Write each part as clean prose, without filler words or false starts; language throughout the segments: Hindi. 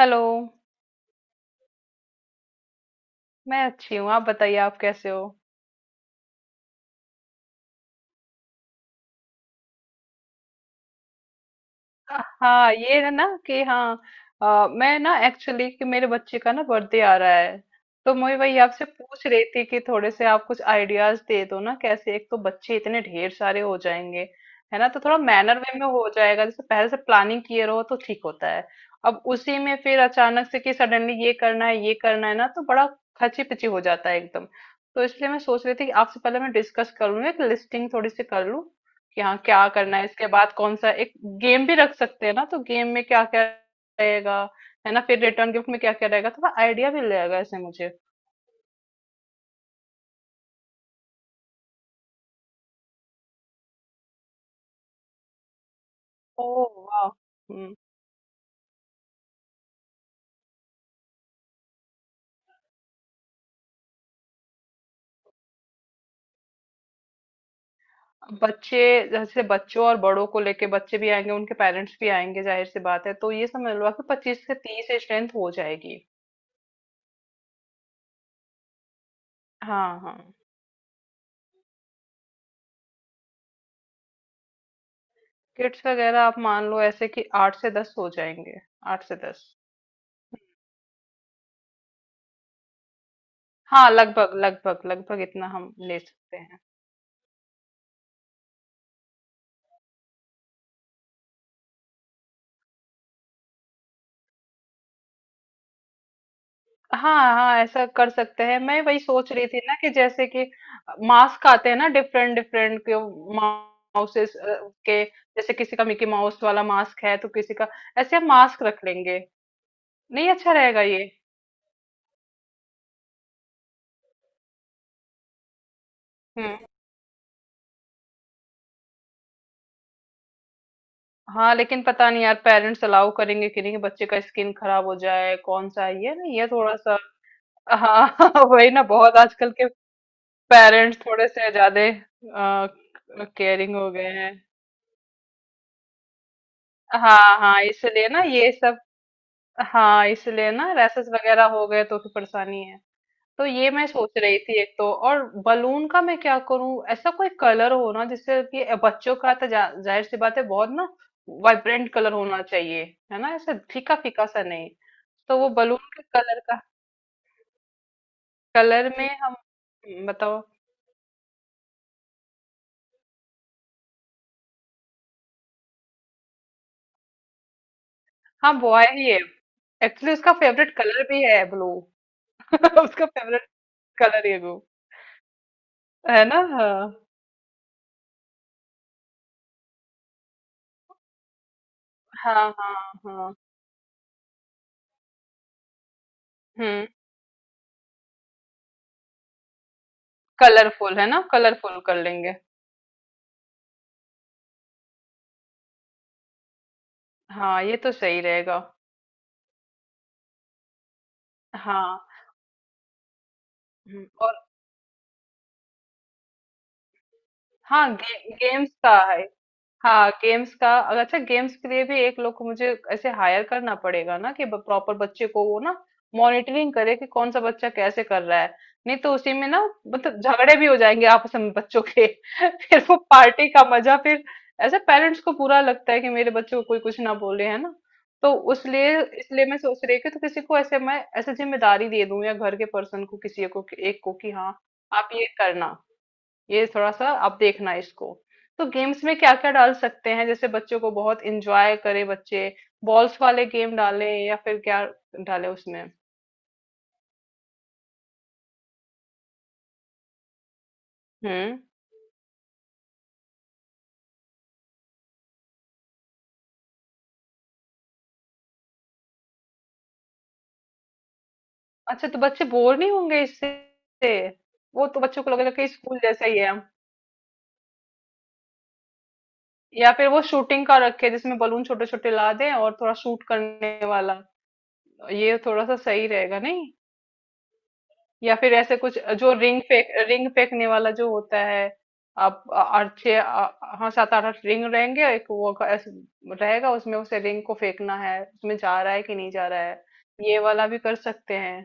हेलो। मैं अच्छी हूँ, आप बताइए आप कैसे हो। हाँ ये है ना कि हाँ। मैं ना एक्चुअली कि मेरे बच्चे का ना बर्थडे आ रहा है। तो मैं वही आपसे पूछ रही थी कि थोड़े से आप कुछ आइडियाज दे दो ना, कैसे एक तो बच्चे इतने ढेर सारे हो जाएंगे। है ना, तो थोड़ा मैनर वे में हो जाएगा, जैसे पहले से प्लानिंग किए रहो तो ठीक होता है। अब उसी में फिर अचानक से कि सडनली ये करना है ना तो बड़ा खची पिची हो जाता है एकदम। तो इसलिए मैं सोच रही थी कि आपसे पहले मैं डिस्कस कर लूँ, एक लिस्टिंग थोड़ी सी कर लूँ कि हाँ क्या करना है, इसके बाद कौन सा एक गेम भी रख सकते हैं ना, तो गेम में क्या क्या रहेगा। है ना, फिर रिटर्न गिफ्ट में क्या क्या रहेगा, थोड़ा आइडिया भी लगेगा ऐसे मुझे। ओ वाह। हम्म। बच्चे। जैसे बच्चों और बड़ों को लेके बच्चे भी आएंगे उनके पेरेंट्स भी आएंगे, जाहिर सी बात है, तो ये समझ लो कि 25 से 30 स्ट्रेंथ हो जाएगी। हाँ हाँ। किड्स वगैरह आप मान लो ऐसे कि 8 से 10 हो जाएंगे। 8 से 10। हाँ लगभग लगभग लगभग इतना हम ले सकते हैं। हाँ हाँ ऐसा कर सकते हैं, मैं वही सोच रही थी ना कि जैसे कि मास्क आते हैं ना डिफरेंट डिफरेंट के माउसेस के, जैसे किसी का मिकी माउस वाला मास्क है तो किसी का, ऐसे हम मास्क रख लेंगे। नहीं, अच्छा रहेगा ये। हम्म। हाँ लेकिन पता नहीं यार पेरेंट्स अलाउ करेंगे कि नहीं, बच्चे का स्किन खराब हो जाए, कौन सा है ये ना ये थोड़ा सा। हाँ वही ना, बहुत आजकल के पेरेंट्स थोड़े से ज्यादा केयरिंग हो गए हैं। हाँ हाँ इसलिए ना ये सब। हाँ इसलिए ना, रैसेस वगैरह हो गए तो फिर परेशानी है। तो ये मैं सोच रही थी एक तो और बलून का मैं क्या करूं, ऐसा कोई कलर हो ना जिससे कि बच्चों का तो जाहिर सी बात है, बहुत ना वाइब्रेंट कलर होना चाहिए। है ना, ऐसा फीका फीका सा नहीं। तो वो बलून के कलर का, कलर में हम। बताओ। हाँ बॉय ही है, एक्चुअली उसका फेवरेट कलर भी है ब्लू। उसका फेवरेट कलर है वो। है ना। हाँ हाँ हाँ हाँ। हम्म। कलरफुल है ना, कलरफुल कर लेंगे। हाँ ये तो सही रहेगा। हाँ। और। हाँ गेम्स का है। हाँ गेम्स का अच्छा, गेम्स के लिए भी एक लोग को मुझे ऐसे हायर करना पड़ेगा ना कि प्रॉपर बच्चे को वो ना मॉनिटरिंग करे कि कौन सा बच्चा कैसे कर रहा है। नहीं तो उसी में ना मतलब झगड़े भी हो जाएंगे आपस में बच्चों के। फिर वो पार्टी का मजा फिर, ऐसे पेरेंट्स को बुरा लगता है कि मेरे बच्चे को कोई कुछ ना बोले, है ना। तो उसलिए इसलिए मैं सोच रही हूँ कि तो किसी को ऐसे मैं ऐसे जिम्मेदारी दे दूँ या घर के पर्सन को, किसी को एक को कि हाँ आप ये करना, ये थोड़ा सा आप देखना इसको। तो गेम्स में क्या क्या डाल सकते हैं जैसे बच्चों को बहुत इंजॉय करे बच्चे। बॉल्स वाले गेम डालें या फिर क्या डालें उसमें। हम्म। अच्छा तो बच्चे बोर नहीं होंगे इससे? वो तो बच्चों को लगेगा कि स्कूल जैसा ही है। या फिर वो शूटिंग का रखे जिसमें बलून छोटे छोटे ला दें और थोड़ा शूट करने वाला, ये थोड़ा सा सही रहेगा नहीं? या फिर ऐसे कुछ जो रिंग फेंक, रिंग फेंकने वाला जो होता है। आप आठ छः हाँ सात आठ आठ रिंग रहेंगे, एक वो ऐसे रहेगा उसमें, उसे रिंग को फेंकना है उसमें जा रहा है कि नहीं जा रहा है। ये वाला भी कर सकते हैं।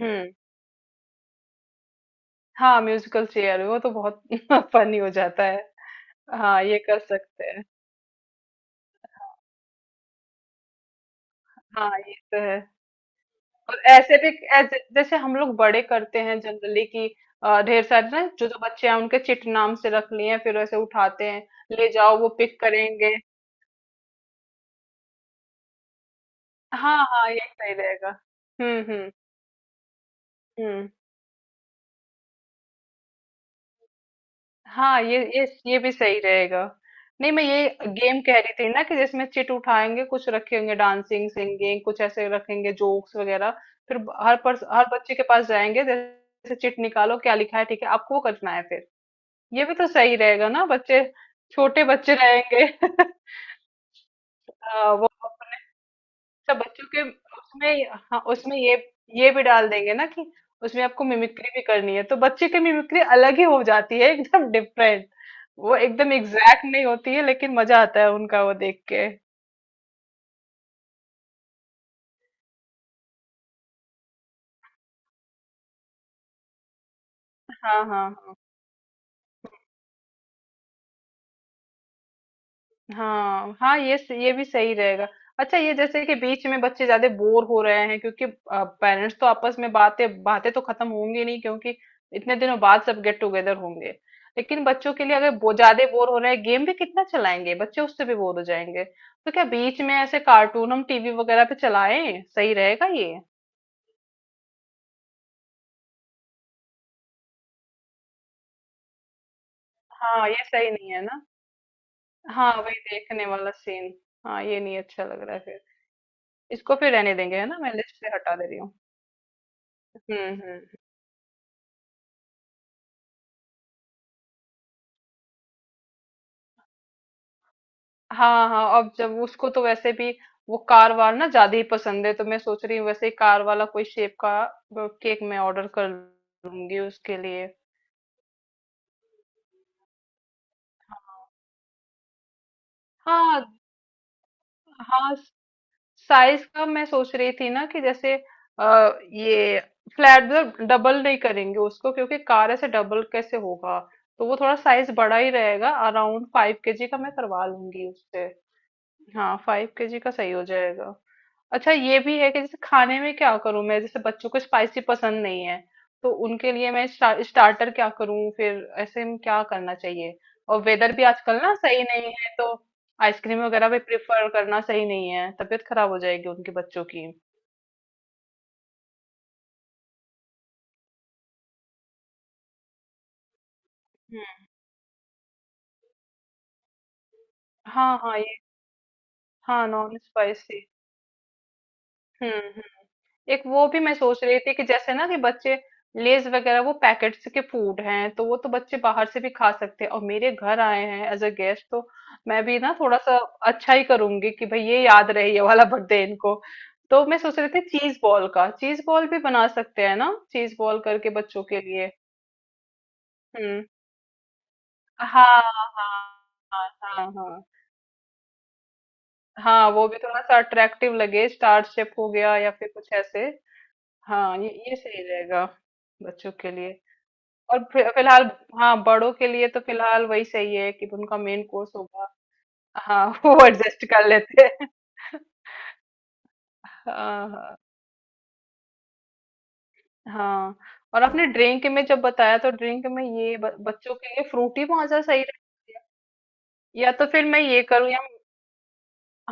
हम्म। हाँ म्यूजिकल चेयर वो तो बहुत फनी हो जाता है। हाँ ये कर सकते हैं। हाँ ये तो है। और ऐसे भी जैसे हम लोग बड़े करते हैं जनरली कि ढेर सारे ना, जो जो बच्चे हैं उनके चिट नाम से रख लिए हैं फिर वैसे उठाते हैं, ले जाओ वो पिक करेंगे। हाँ, हाँ, ये सही रहेगा। हुँ, हुँ, हुँ। हाँ, ये भी सही रहेगा। नहीं, मैं ये गेम कह रही थी ना कि जिसमें चिट उठाएँगे, कुछ रखेंगे डांसिंग, सिंगिंग, कुछ ऐसे रखेंगे जोक्स वगैरह। फिर ब हर पर्स हर बच्चे के पास जाएँगे, जैसे चिट निकालो, क्या लिखा है, ठीक है, आपको वो करना है फिर। ये भी तो सही रहेगा ना, बच्चे छोटे बच्चे रहेंगे। हाँ, वो। अच्छा बच्चों के उसमें हाँ उसमें ये भी डाल देंगे ना कि उसमें आपको मिमिक्री भी करनी है तो बच्चे की मिमिक्री अलग ही हो जाती है एकदम डिफरेंट। वो एकदम एग्जैक्ट नहीं होती है लेकिन मजा आता है उनका वो देख के। हाँ हाँ हाँ हाँ ये ये भी सही रहेगा। अच्छा ये जैसे कि बीच में बच्चे ज्यादा बोर हो रहे हैं क्योंकि पेरेंट्स तो आपस में बातें, बातें तो खत्म होंगी नहीं क्योंकि इतने दिनों बाद सब गेट टुगेदर होंगे, लेकिन बच्चों के लिए अगर ज्यादा बोर हो रहे हैं गेम भी कितना चलाएंगे बच्चे उससे भी बोर हो जाएंगे, तो क्या बीच में ऐसे कार्टून हम टीवी वगैरह पे चलाएं, सही रहेगा ये? हाँ ये सही नहीं है ना। हाँ वही देखने वाला सीन। हाँ ये नहीं अच्छा लग रहा है फिर। इसको फिर रहने देंगे, है ना, मैं लिस्ट से हटा दे रही हूँ। हम्म। हाँ हाँ अब जब उसको तो वैसे भी वो कार वार ना ज्यादा ही पसंद है तो मैं सोच रही हूँ वैसे ही कार वाला कोई शेप का केक मैं ऑर्डर कर लूंगी उसके लिए। हाँ हाँ। साइज का मैं सोच रही थी ना कि जैसे ये फ्लैट, डबल नहीं करेंगे उसको क्योंकि कार ऐसे डबल कैसे होगा। तो वो थोड़ा साइज बड़ा ही रहेगा, अराउंड 5 केजी का मैं करवा लूंगी उससे। हाँ 5 केजी का सही हो जाएगा। अच्छा ये भी है कि जैसे खाने में क्या करूं मैं, जैसे बच्चों को स्पाइसी पसंद नहीं है तो उनके लिए मैं स्टार्टर क्या करूं फिर, ऐसे में क्या करना चाहिए? और वेदर भी आजकल ना सही नहीं है तो आइसक्रीम वगैरह भी प्रेफर करना सही नहीं है, तबीयत खराब हो जाएगी उनके बच्चों की। हम्म। हाँ हाँ ये। हाँ नॉन स्पाइसी। हम्म। एक वो भी मैं सोच रही थी कि जैसे ना कि बच्चे लेज वगैरह वो पैकेट्स के फूड हैं तो वो तो बच्चे बाहर से भी खा सकते हैं, और मेरे घर आए हैं एज अ गेस्ट, तो मैं भी ना थोड़ा सा अच्छा ही करूंगी कि भाई ये याद रहे ये वाला बर्थडे इनको। तो मैं सोच रही थी चीज बॉल का, चीज बॉल भी बना सकते हैं ना चीज बॉल करके बच्चों के लिए। हम्म। हाँ हाँ हाँ हाँ। हाँ वो भी थोड़ा सा अट्रैक्टिव लगे, स्टार शेप हो गया या फिर कुछ ऐसे। हाँ ये सही रहेगा बच्चों के लिए। और फिलहाल, हाँ बड़ों के लिए तो फिलहाल वही सही है कि उनका मेन कोर्स होगा। हाँ वो एडजस्ट कर लेते हैं। हाँ हाँ हाँ। और आपने ड्रिंक में जब बताया तो ड्रिंक में ये बच्चों के लिए फ्रूटी मौजा सही रहती है, या तो फिर मैं ये करूँ या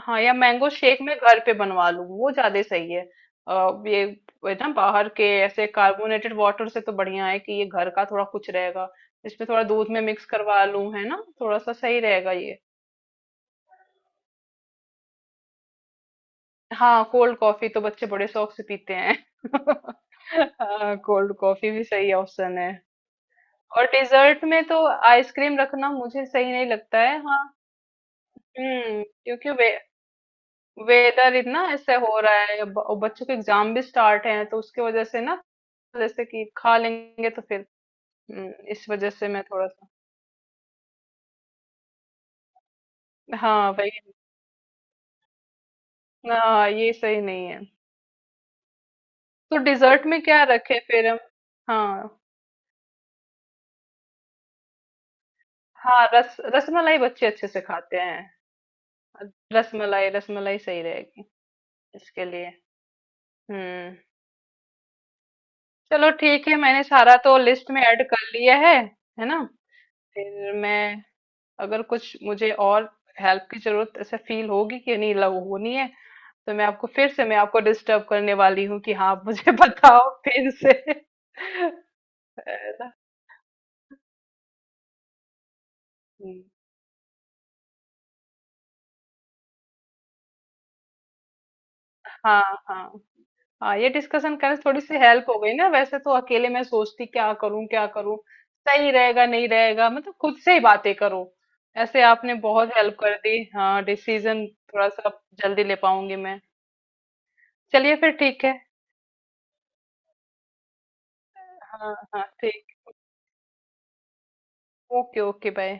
हाँ, या मैंगो शेक मैं घर पे बनवा लूँ वो ज्यादा सही है। आ, ये ये ना बाहर के ऐसे कार्बोनेटेड वाटर से तो बढ़िया है कि ये घर का थोड़ा कुछ रहेगा, इसमें थोड़ा दूध में मिक्स करवा लूँ, है ना, थोड़ा सा सही रहेगा ये। हाँ कोल्ड कॉफी तो बच्चे बड़े शौक से पीते हैं। हाँ कोल्ड कॉफी भी सही ऑप्शन है। और डेजर्ट में तो आइसक्रीम रखना मुझे सही नहीं लगता है, हाँ। क्योंकि वेदर इतना ऐसे हो रहा है और बच्चों के एग्जाम भी स्टार्ट हैं तो उसकी वजह से ना, जैसे कि खा लेंगे तो फिर। इस वजह से मैं थोड़ा सा। हाँ भाई, हाँ ये सही नहीं है। तो डेजर्ट में क्या रखे फिर हम? हाँ हाँ रस रसमलाई बच्चे अच्छे से खाते हैं। रसमलाई, रसमलाई सही रहेगी इसके लिए। हुँ, चलो ठीक है, मैंने सारा तो लिस्ट में ऐड कर लिया है ना? फिर मैं, अगर कुछ मुझे और हेल्प की ज़रूरत ऐसे फ़ील होगी कि नहीं लग होनी है, तो मैं आपको फिर से मैं आपको डिस्टर्ब करने वाली हूँ कि हाँ, आप मुझे बताओ फिर से। अ, हुँ, हाँ, हाँ। हाँ ये डिस्कशन करने से थोड़ी सी हेल्प हो गई ना, वैसे तो अकेले मैं सोचती क्या करूं सही रहेगा नहीं रहेगा, मतलब खुद से ही बातें करो। ऐसे आपने बहुत हेल्प कर दी, हाँ डिसीजन थोड़ा सा जल्दी ले पाऊंगी मैं। चलिए फिर ठीक है। हाँ हाँ ठीक। Okay okay bye.